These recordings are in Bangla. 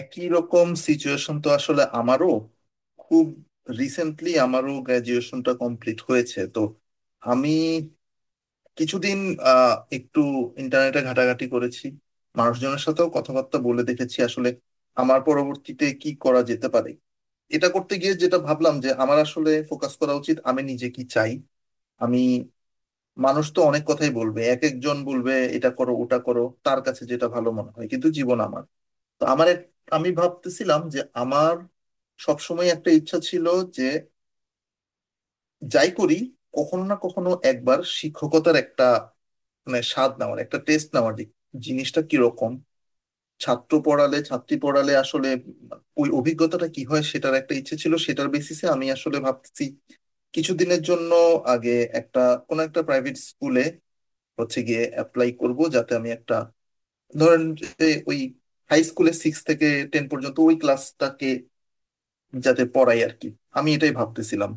একই রকম সিচুয়েশন তো আসলে আমারও খুব রিসেন্টলি আমারও গ্র্যাজুয়েশনটা কমপ্লিট হয়েছে। তো আমি কিছুদিন একটু ইন্টারনেটে ঘাটাঘাটি করেছি, মানুষজনের সাথেও কথাবার্তা বলে দেখেছি আসলে আমার পরবর্তীতে কি করা যেতে পারে। এটা করতে গিয়ে যেটা ভাবলাম, যে আমার আসলে ফোকাস করা উচিত আমি নিজে কি চাই। আমি, মানুষ তো অনেক কথাই বলবে, এক একজন বলবে এটা করো ওটা করো, তার কাছে যেটা ভালো মনে হয়, কিন্তু জীবন আমার। তো আমার আমি ভাবতেছিলাম যে আমার সবসময় একটা ইচ্ছা ছিল, যে যাই করি কখনো না কখনো একবার শিক্ষকতার একটা মানে স্বাদ নেওয়ার, একটা টেস্ট নেওয়ার যে জিনিসটা কিরকম, ছাত্র পড়ালে ছাত্রী পড়ালে আসলে ওই অভিজ্ঞতাটা কি হয়, সেটার একটা ইচ্ছে ছিল। সেটার বেসিসে আমি আসলে ভাবতেছি কিছুদিনের জন্য আগে একটা, কোনো একটা প্রাইভেট স্কুলে হচ্ছে গিয়ে অ্যাপ্লাই করব, যাতে আমি একটা, ধরেন, যে ওই হাই স্কুলে সিক্স থেকে টেন পর্যন্ত ওই ক্লাসটাকে যাতে পড়াই আর কি। আমি এটাই ভাবতেছিলাম।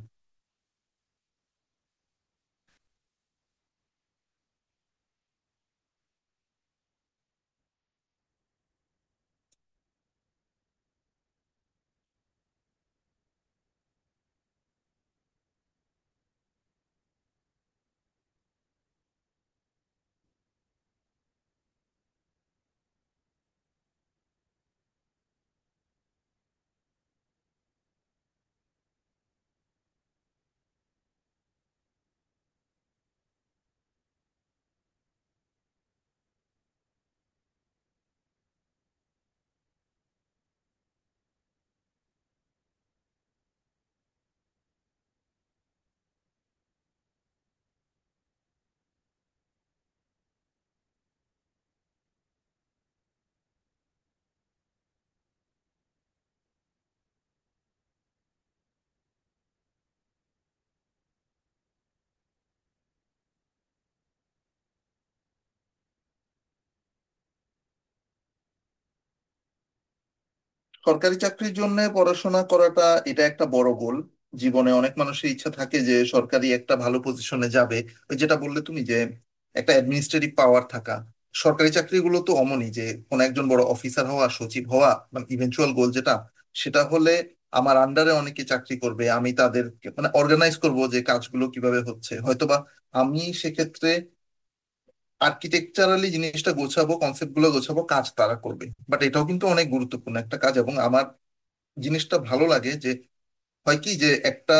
সরকারি চাকরির জন্য পড়াশোনা করাটা এটা একটা বড় গোল। জীবনে অনেক মানুষের ইচ্ছা থাকে যে সরকারি একটা ভালো পজিশনে যাবে। ওই যেটা বললে তুমি, যে একটা অ্যাডমিনিস্ট্রেটিভ পাওয়ার থাকা, সরকারি চাকরিগুলো তো অমনই, যে কোনো একজন বড় অফিসার হওয়া, সচিব হওয়া মানে ইভেনচুয়াল গোল যেটা, সেটা হলে আমার আন্ডারে অনেকে চাকরি করবে, আমি তাদের মানে অর্গানাইজ করব যে কাজগুলো কিভাবে হচ্ছে, হয়তোবা আমি সেক্ষেত্রে আর্কিটেকচারালি জিনিসটা গোছাবো, কনসেপ্ট গুলো গোছাবো, কাজ তারা করবে। বাট এটাও কিন্তু অনেক গুরুত্বপূর্ণ একটা কাজ, এবং আমার জিনিসটা ভালো লাগে, যে হয় কি যে একটা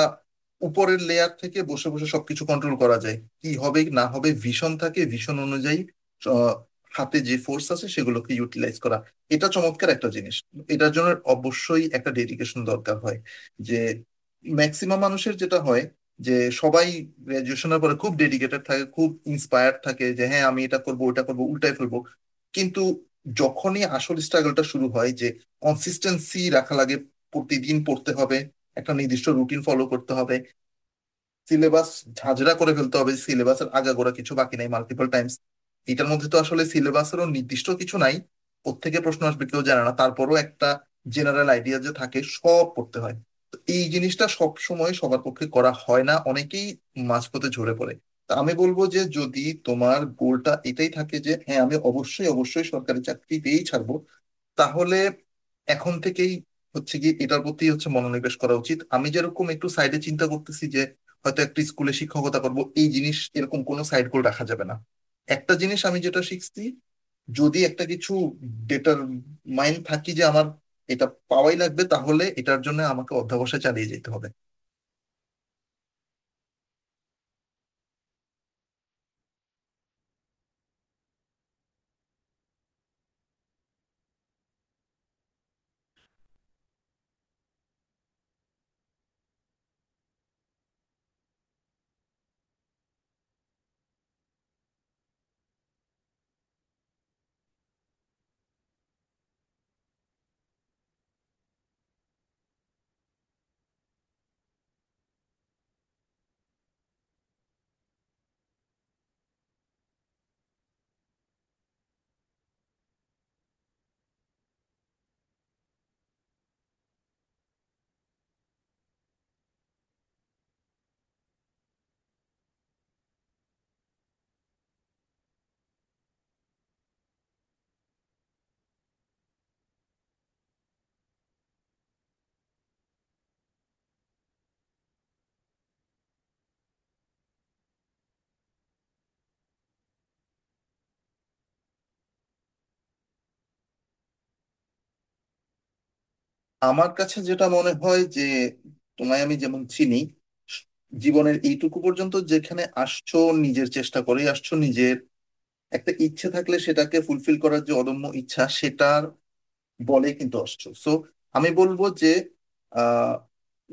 উপরের লেয়ার থেকে বসে বসে সবকিছু কন্ট্রোল করা যায়, কি হবে না হবে ভিশন থাকে, ভিশন অনুযায়ী আহ, হাতে যে ফোর্স আছে সেগুলোকে ইউটিলাইজ করা, এটা চমৎকার একটা জিনিস। এটার জন্য অবশ্যই একটা ডেডিকেশন দরকার হয়। যে ম্যাক্সিমাম মানুষের যেটা হয়, যে সবাই গ্র্যাজুয়েশনের পরে খুব ডেডিকেটেড থাকে, খুব ইন্সপায়ার্ড থাকে, যে হ্যাঁ আমি এটা করবো ওটা করবো উল্টাই ফেলবো। কিন্তু যখনই আসল স্ট্রাগলটা শুরু হয়, যে কনসিস্টেন্সি রাখা লাগে, প্রতিদিন পড়তে হবে, একটা নির্দিষ্ট রুটিন ফলো করতে হবে, সিলেবাস ঝাঁঝরা করে ফেলতে হবে, সিলেবাসের আগাগোড়া কিছু বাকি নাই মাল্টিপল টাইমস। এটার মধ্যে তো আসলে সিলেবাসেরও নির্দিষ্ট কিছু নাই, কোত্থেকে প্রশ্ন আসবে কেউ জানে না, তারপরও একটা জেনারেল আইডিয়া যে থাকে সব পড়তে হয়। তো এই জিনিসটা সব সময় সবার পক্ষে করা হয় না, অনেকেই মাঝপথে ঝরে পড়ে। তা আমি বলবো যে যদি তোমার গোলটা এটাই থাকে যে হ্যাঁ আমি অবশ্যই অবশ্যই সরকারি চাকরিতেই ছাড়বো, তাহলে এখন থেকেই হচ্ছে কি এটার প্রতি হচ্ছে মনোনিবেশ করা উচিত। আমি যেরকম একটু সাইডে চিন্তা করতেছি যে হয়তো একটা স্কুলে শিক্ষকতা করব, এই জিনিস এরকম কোনো সাইড গোল রাখা যাবে না। একটা জিনিস আমি যেটা শিখছি, যদি একটা কিছু ডেটার মাইন্ড থাকি যে আমার এটা পাওয়াই লাগবে, তাহলে এটার জন্য আমাকে অধ্যবসায় চালিয়ে যেতে হবে। আমার কাছে যেটা মনে হয়, যে তোমায় আমি যেমন চিনি, জীবনের এইটুকু পর্যন্ত যেখানে আসছো, নিজের চেষ্টা করে আসছো, নিজের একটা ইচ্ছে থাকলে সেটাকে ফুলফিল করার যে অদম্য ইচ্ছা সেটার বলে কিন্তু অস্ত্র। সো আমি বলবো যে আহ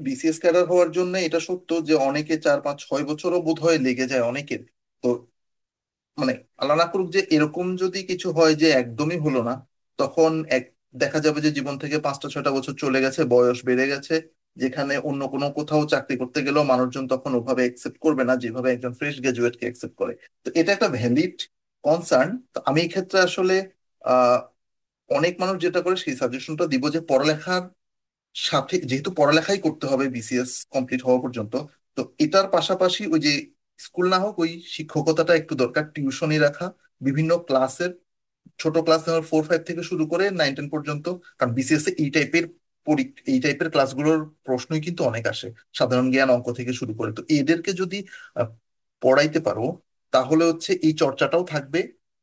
বিসিএস ক্যাডার হওয়ার জন্য এটা সত্য যে অনেকে চার পাঁচ ছয় বছরও বোধ হয় লেগে যায় অনেকের। তো মানে, আল্লাহ না করুক যে এরকম যদি কিছু হয় যে একদমই হলো না, তখন এক, দেখা যাবে যে জীবন থেকে পাঁচটা ছয়টা বছর চলে গেছে, বয়স বেড়ে গেছে, যেখানে অন্য কোনো কোথাও চাকরি করতে গেলেও মানুষজন তখন ওভাবে অ্যাকসেপ্ট করবে না যেভাবে একজন ফ্রেশ গ্রাজুয়েট কে অ্যাকসেপ্ট করে। তো এটা একটা ভ্যালিড কনসার্ন। তো আমি এই ক্ষেত্রে আসলে আহ অনেক মানুষ যেটা করে সেই সাজেশনটা দিব, যে পড়ালেখার সাথে, যেহেতু পড়ালেখাই করতে হবে বিসিএস কমপ্লিট হওয়া পর্যন্ত, তো এটার পাশাপাশি ওই যে স্কুল না হোক, ওই শিক্ষকতাটা একটু দরকার, টিউশনি রাখা বিভিন্ন ক্লাসের, ছোট ক্লাস আমার ফোর ফাইভ থেকে শুরু করে নাইন টেন পর্যন্ত। কারণ বিসিএস এই টাইপের ক্লাসগুলোর প্রশ্নই কিন্তু অনেক আসে, সাধারণ জ্ঞান অঙ্ক থেকে শুরু করে। তো এদেরকে যদি আহ, পড়াইতে পারো, তাহলে হচ্ছে এই চর্চাটাও থাকবে।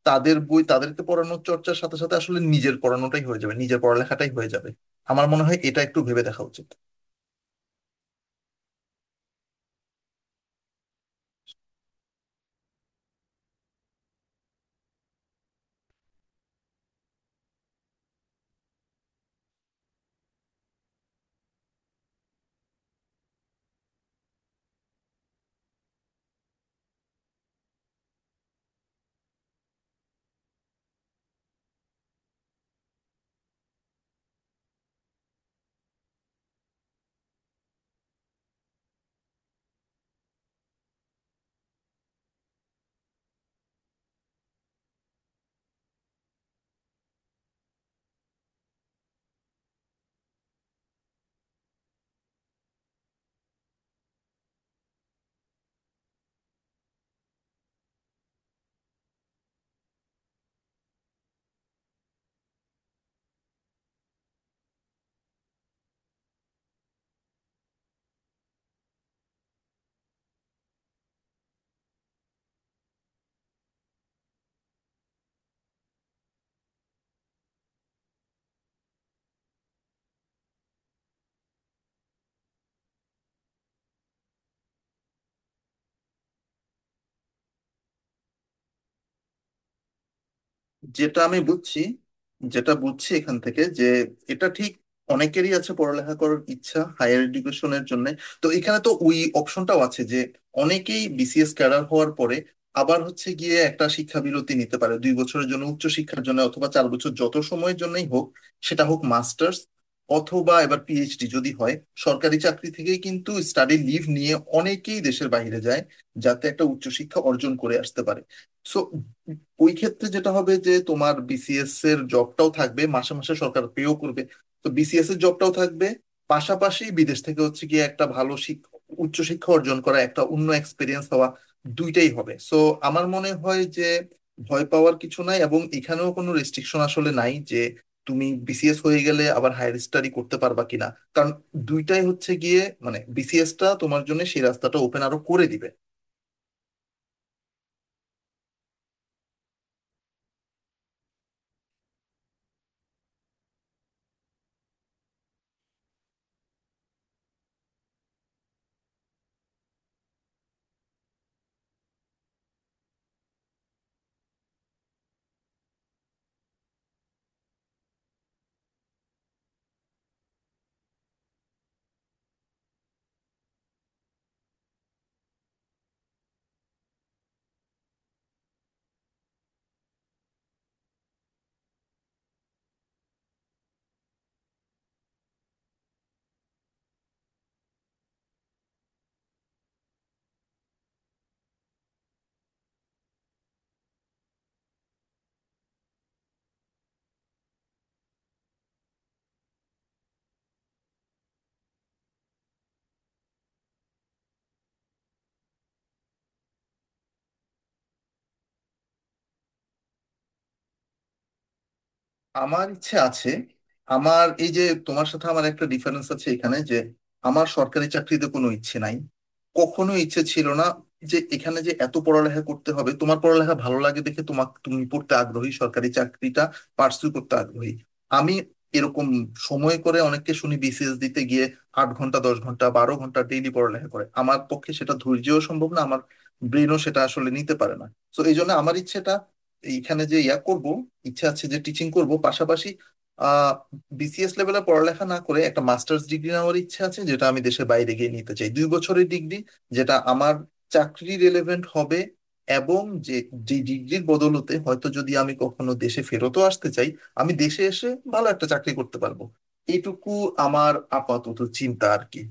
তাদের বই তাদেরকে পড়ানোর চর্চার সাথে সাথে আসলে নিজের পড়ানোটাই হয়ে যাবে, নিজের পড়ালেখাটাই হয়ে যাবে। আমার মনে হয় এটা একটু ভেবে দেখা উচিত। যেটা আমি বুঝছি যেটা বুঝছি এখান থেকে, যে এটা ঠিক অনেকেরই আছে পড়ালেখা করার ইচ্ছা হায়ার এডুকেশনের জন্য। তো এখানে তো ওই অপশনটাও আছে, যে অনেকেই বিসিএস ক্যাডার হওয়ার পরে আবার হচ্ছে গিয়ে একটা শিক্ষা বিরতি নিতে পারে 2 বছরের জন্য উচ্চ শিক্ষার জন্য, অথবা 4 বছর যত সময়ের জন্যই হোক, সেটা হোক মাস্টার্স অথবা এবার পিএইচডি যদি হয়। সরকারি চাকরি থেকেই কিন্তু স্টাডি লিভ নিয়ে অনেকেই দেশের বাইরে যায়, যাতে একটা উচ্চশিক্ষা অর্জন করে আসতে পারে। সো ওই ক্ষেত্রে যেটা হবে যে তোমার বিসিএস এর জবটাও থাকবে, মাসে মাসে সরকার পেও করবে। তো বিসিএস এর জবটাও থাকবে, পাশাপাশি বিদেশ থেকে হচ্ছে গিয়ে একটা ভালো শিক্ষা, উচ্চশিক্ষা অর্জন করা, একটা অন্য এক্সপিরিয়েন্স হওয়া, দুইটাই হবে। সো আমার মনে হয় যে ভয় পাওয়ার কিছু নাই, এবং এখানেও কোনো রেস্ট্রিকশন আসলে নাই যে তুমি বিসিএস হয়ে গেলে আবার হায়ার স্টাডি করতে পারবা কিনা। কারণ দুইটাই হচ্ছে গিয়ে মানে বিসিএস টা তোমার জন্য সেই রাস্তাটা ওপেন আরো করে দিবে। আমার ইচ্ছে আছে, আমার এই যে, তোমার সাথে আমার একটা ডিফারেন্স আছে এখানে, যে আমার সরকারি চাকরিতে কোনো ইচ্ছে নাই, কখনো ইচ্ছে ছিল না। যে এখানে যে এত পড়ালেখা করতে হবে, তোমার পড়ালেখা ভালো লাগে দেখে তোমাকে, তুমি পড়তে আগ্রহী, সরকারি চাকরিটা পার্সু করতে আগ্রহী। আমি এরকম সময় করে অনেককে শুনি বিসিএস দিতে গিয়ে 8 ঘন্টা 10 ঘন্টা 12 ঘন্টা ডেইলি পড়ালেখা করে, আমার পক্ষে সেটা ধৈর্যও সম্ভব না, আমার ব্রেনও সেটা আসলে নিতে পারে না। তো এই জন্য আমার ইচ্ছেটা এইখানে, যে ইয়া করব, ইচ্ছা আছে যে টিচিং করব পাশাপাশি আহ বিসিএস লেভেলে পড়ালেখা না করে একটা মাস্টার্স ডিগ্রি নেওয়ার ইচ্ছা আছে, যেটা আমি দেশের বাইরে গিয়ে নিতে চাই, 2 বছরের ডিগ্রি, যেটা আমার চাকরি রেলেভেন্ট হবে। এবং যে যে ডিগ্রির বদলতে হয়তো যদি আমি কখনো দেশে ফেরতও আসতে চাই, আমি দেশে এসে ভালো একটা চাকরি করতে পারবো। এইটুকু আমার আপাতত চিন্তা আর কি।